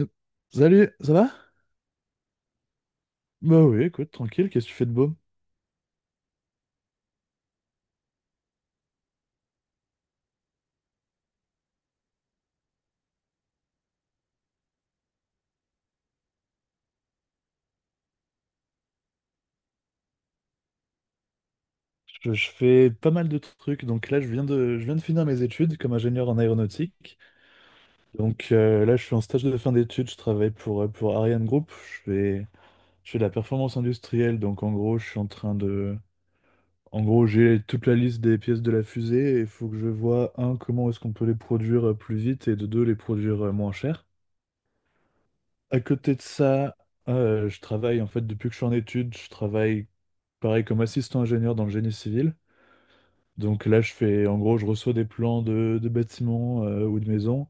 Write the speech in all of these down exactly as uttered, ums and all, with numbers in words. Euh, Salut, ça va? Bah oui, écoute, tranquille, qu'est-ce que tu fais de beau? Je, je fais pas mal de trucs, donc là je viens de, je viens de finir mes études comme ingénieur en aéronautique. Donc euh, là je suis en stage de fin d'études, je travaille pour, euh, pour Ariane Group, je fais, je fais de la performance industrielle, donc en gros je suis en train de... En gros j'ai toute la liste des pièces de la fusée et il faut que je vois, un, comment est-ce qu'on peut les produire euh, plus vite et de deux, les produire euh, moins cher. À côté de ça, euh, je travaille en fait depuis que je suis en études, je travaille pareil comme assistant ingénieur dans le génie civil. Donc là, je fais, en gros, je reçois des plans de, de bâtiments euh, ou de maisons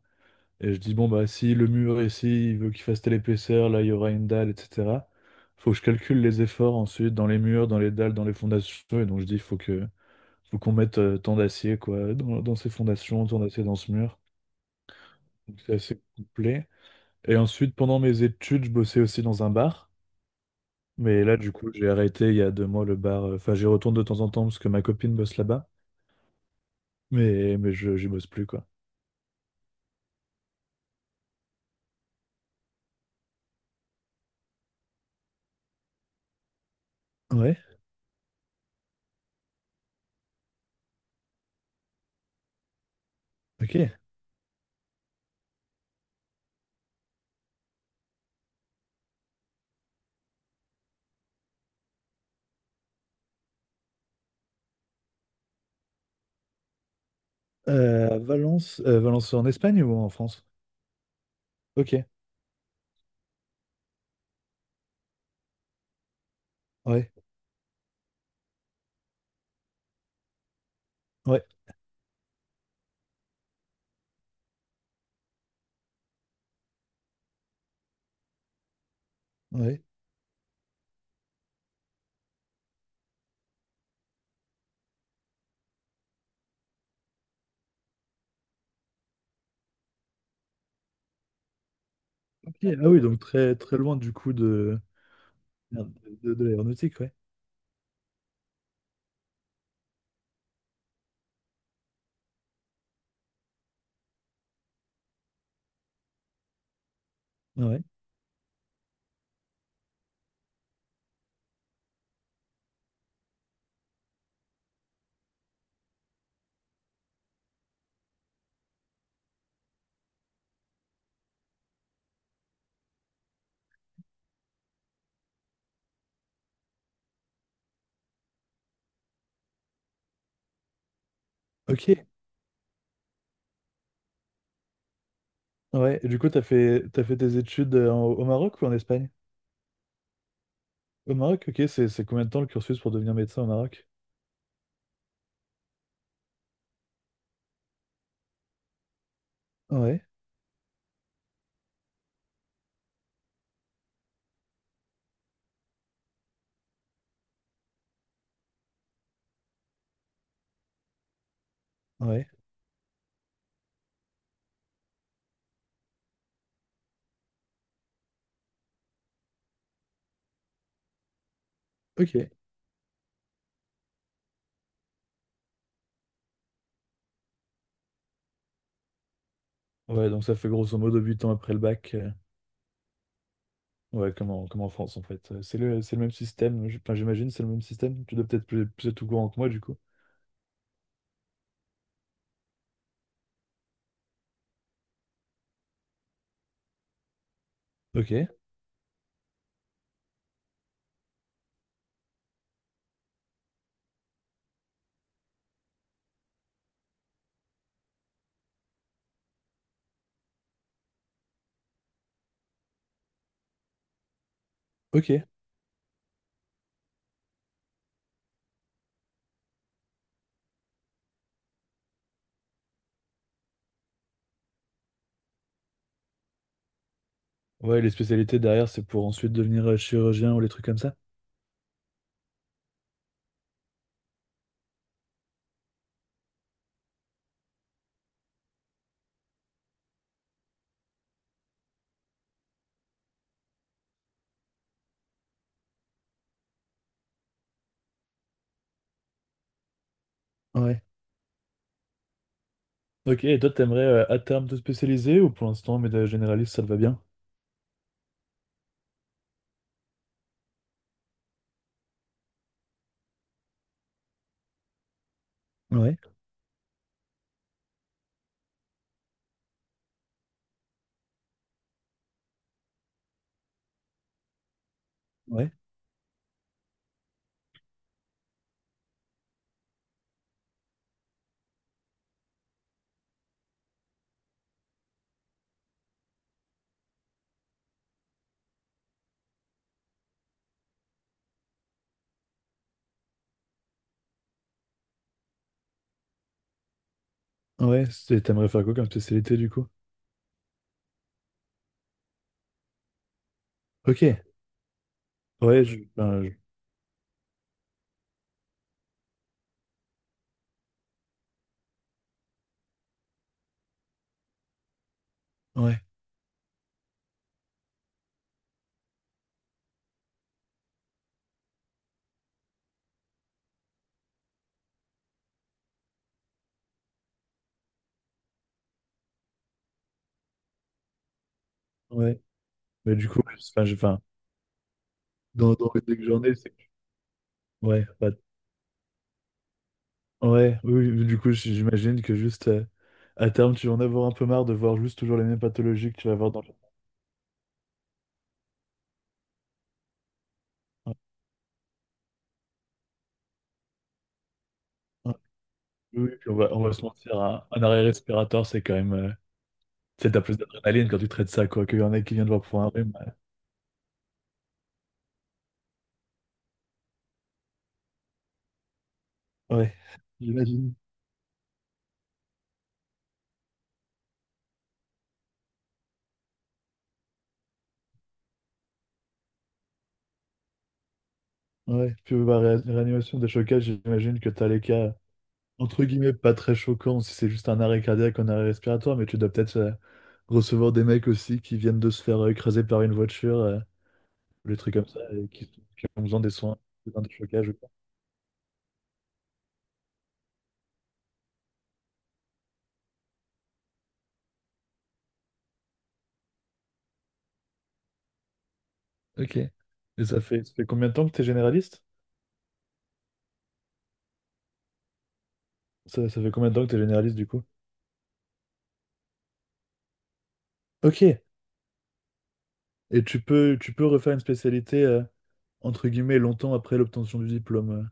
et je dis, bon, bah, si le mur ici, il veut qu'il fasse telle épaisseur, là, il y aura une dalle, et cetera. Faut que je calcule les efforts ensuite dans les murs, dans les dalles, dans les fondations. Et donc, je dis, faut que, faut qu'on mette euh, tant d'acier, quoi, dans, dans ces fondations, tant d'acier dans ce mur. Donc, c'est assez complet. Et ensuite, pendant mes études, je bossais aussi dans un bar. Mais là, du coup, j'ai arrêté il y a deux mois le bar. Enfin, j'y retourne de temps en temps parce que ma copine bosse là-bas. Mais, mais je, j'y bosse plus, quoi. Ouais, ok. Euh, Valence, euh, Valence en Espagne ou en France? Ok, ouais, ouais, ouais. Ok. Ah oui, donc très, très loin du coup de, merde, de, de l'aéronautique, ouais. Ouais, ok, ouais. Et du coup, t'as fait, t'as fait tes études euh, en- au Maroc ou en Espagne? Au Maroc, ok, c'est, c'est combien de temps le cursus pour devenir médecin au Maroc? Ouais, ouais, ok. Ouais, donc ça fait grosso modo huit ans après le bac. euh, Ouais, comme en, comme en France, en fait. Euh, C'est le, c'est le même système. je- Enfin, j'imagine, c'est le même système. Tu dois peut-être plus, plus être au courant que moi, du coup. Ok, ok. Ouais, les spécialités derrière, c'est pour ensuite devenir euh, chirurgien ou les trucs comme ça. Ouais, ok, et toi, t'aimerais euh, à terme te spécialiser ou pour l'instant, médecin généraliste, ça te va bien? Ouais, ouais. Ouais, c'est- t'aimerais faire quoi comme spécialité, du coup? Ok, ouais, je, ben, je- ouais, ouais. Mais du coup, enfin, je enfin, dans, dans l'idée que j'en ai, c'est que... Ouais, bah, ouais, oui, oui, du coup, j- j'imagine que juste euh, à terme, tu vas en avoir un peu marre de voir juste toujours les mêmes pathologies que tu vas voir dans le. Ouais, ouais. Oui, oui, puis on va, on va se mentir, un, un arrêt respiratoire, c'est quand même. Euh, tu sais, t'as plus d'adrénaline quand tu traites ça, quoi, qu'il y en a qui viennent voir pour un rhume. euh. Ouais, j'imagine. Ouais, puis bah, ré- réanimation des chocages, j'imagine que t'as les cas, entre guillemets, pas très choquants si c'est juste un arrêt cardiaque, un arrêt respiratoire, mais tu dois peut-être euh, recevoir des mecs aussi qui viennent de se faire euh, écraser par une voiture. Euh, les trucs comme ça, et qui, qui ont besoin des soins, besoin des chocages ou quoi. Ok. Et ça fait, ça fait combien de temps que t'es généraliste? Ça, ça fait combien de temps que t'es généraliste du coup? Ok. Et tu peux, tu peux refaire une spécialité, euh, entre guillemets, longtemps après l'obtention du diplôme. euh.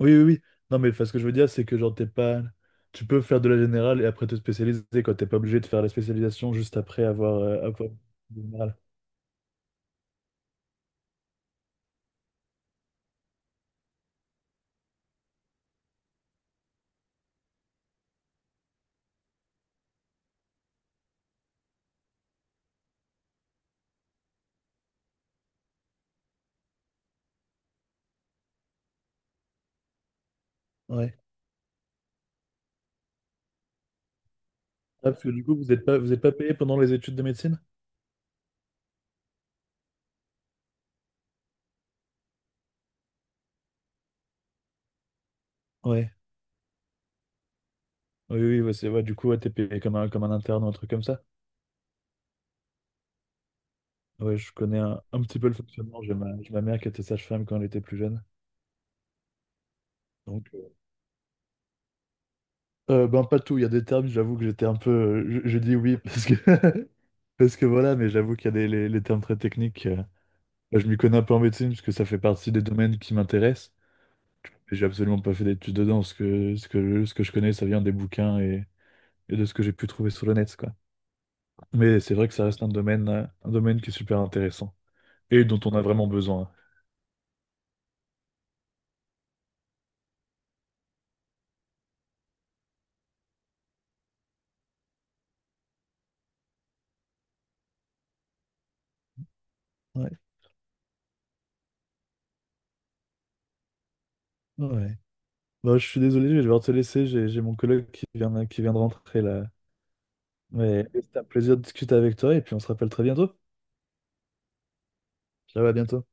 Oui, oui, oui. Non, mais enfin, ce que je veux dire, c'est que genre, t'es pas... Tu peux faire de la générale et après te spécialiser, quoi. T'es pas obligé de faire la spécialisation juste après avoir... euh, avoir- générale. Ouais. Ah, parce que du coup, vous n'êtes pas, vous êtes pas payé pendant les études de médecine? Ouais. Oui, oui, ouais, c'est ouais, du coup, ouais, t'es payé comme un, comme un interne ou un truc comme ça. Ouais, je connais un, un petit peu le fonctionnement. J'ai ma, j'ai ma mère qui était sage-femme quand elle était plus jeune. Donc, euh, euh, ben pas tout. Il y a des termes, j'avoue que j'étais un peu. euh, Je, je dis oui parce que, parce que voilà, mais j'avoue qu'il y a des, les, les termes très techniques. Euh, ben, je m'y connais un peu en médecine parce que ça fait partie des domaines qui m'intéressent. Et j'ai absolument pas fait d'études dedans. Ce que, ce que, ce que je connais, ça vient des bouquins et, et de ce que j'ai pu trouver sur le net, quoi. Mais c'est vrai que ça reste un domaine, euh, un domaine qui est super intéressant, et dont on a vraiment besoin. Ouais, ouais. Bon, je suis désolé, je vais devoir te laisser. J'ai j'ai mon collègue qui vient, qui vient de rentrer là. Mais c'était un plaisir de discuter avec toi et puis on se rappelle très bientôt. Ciao, à bientôt.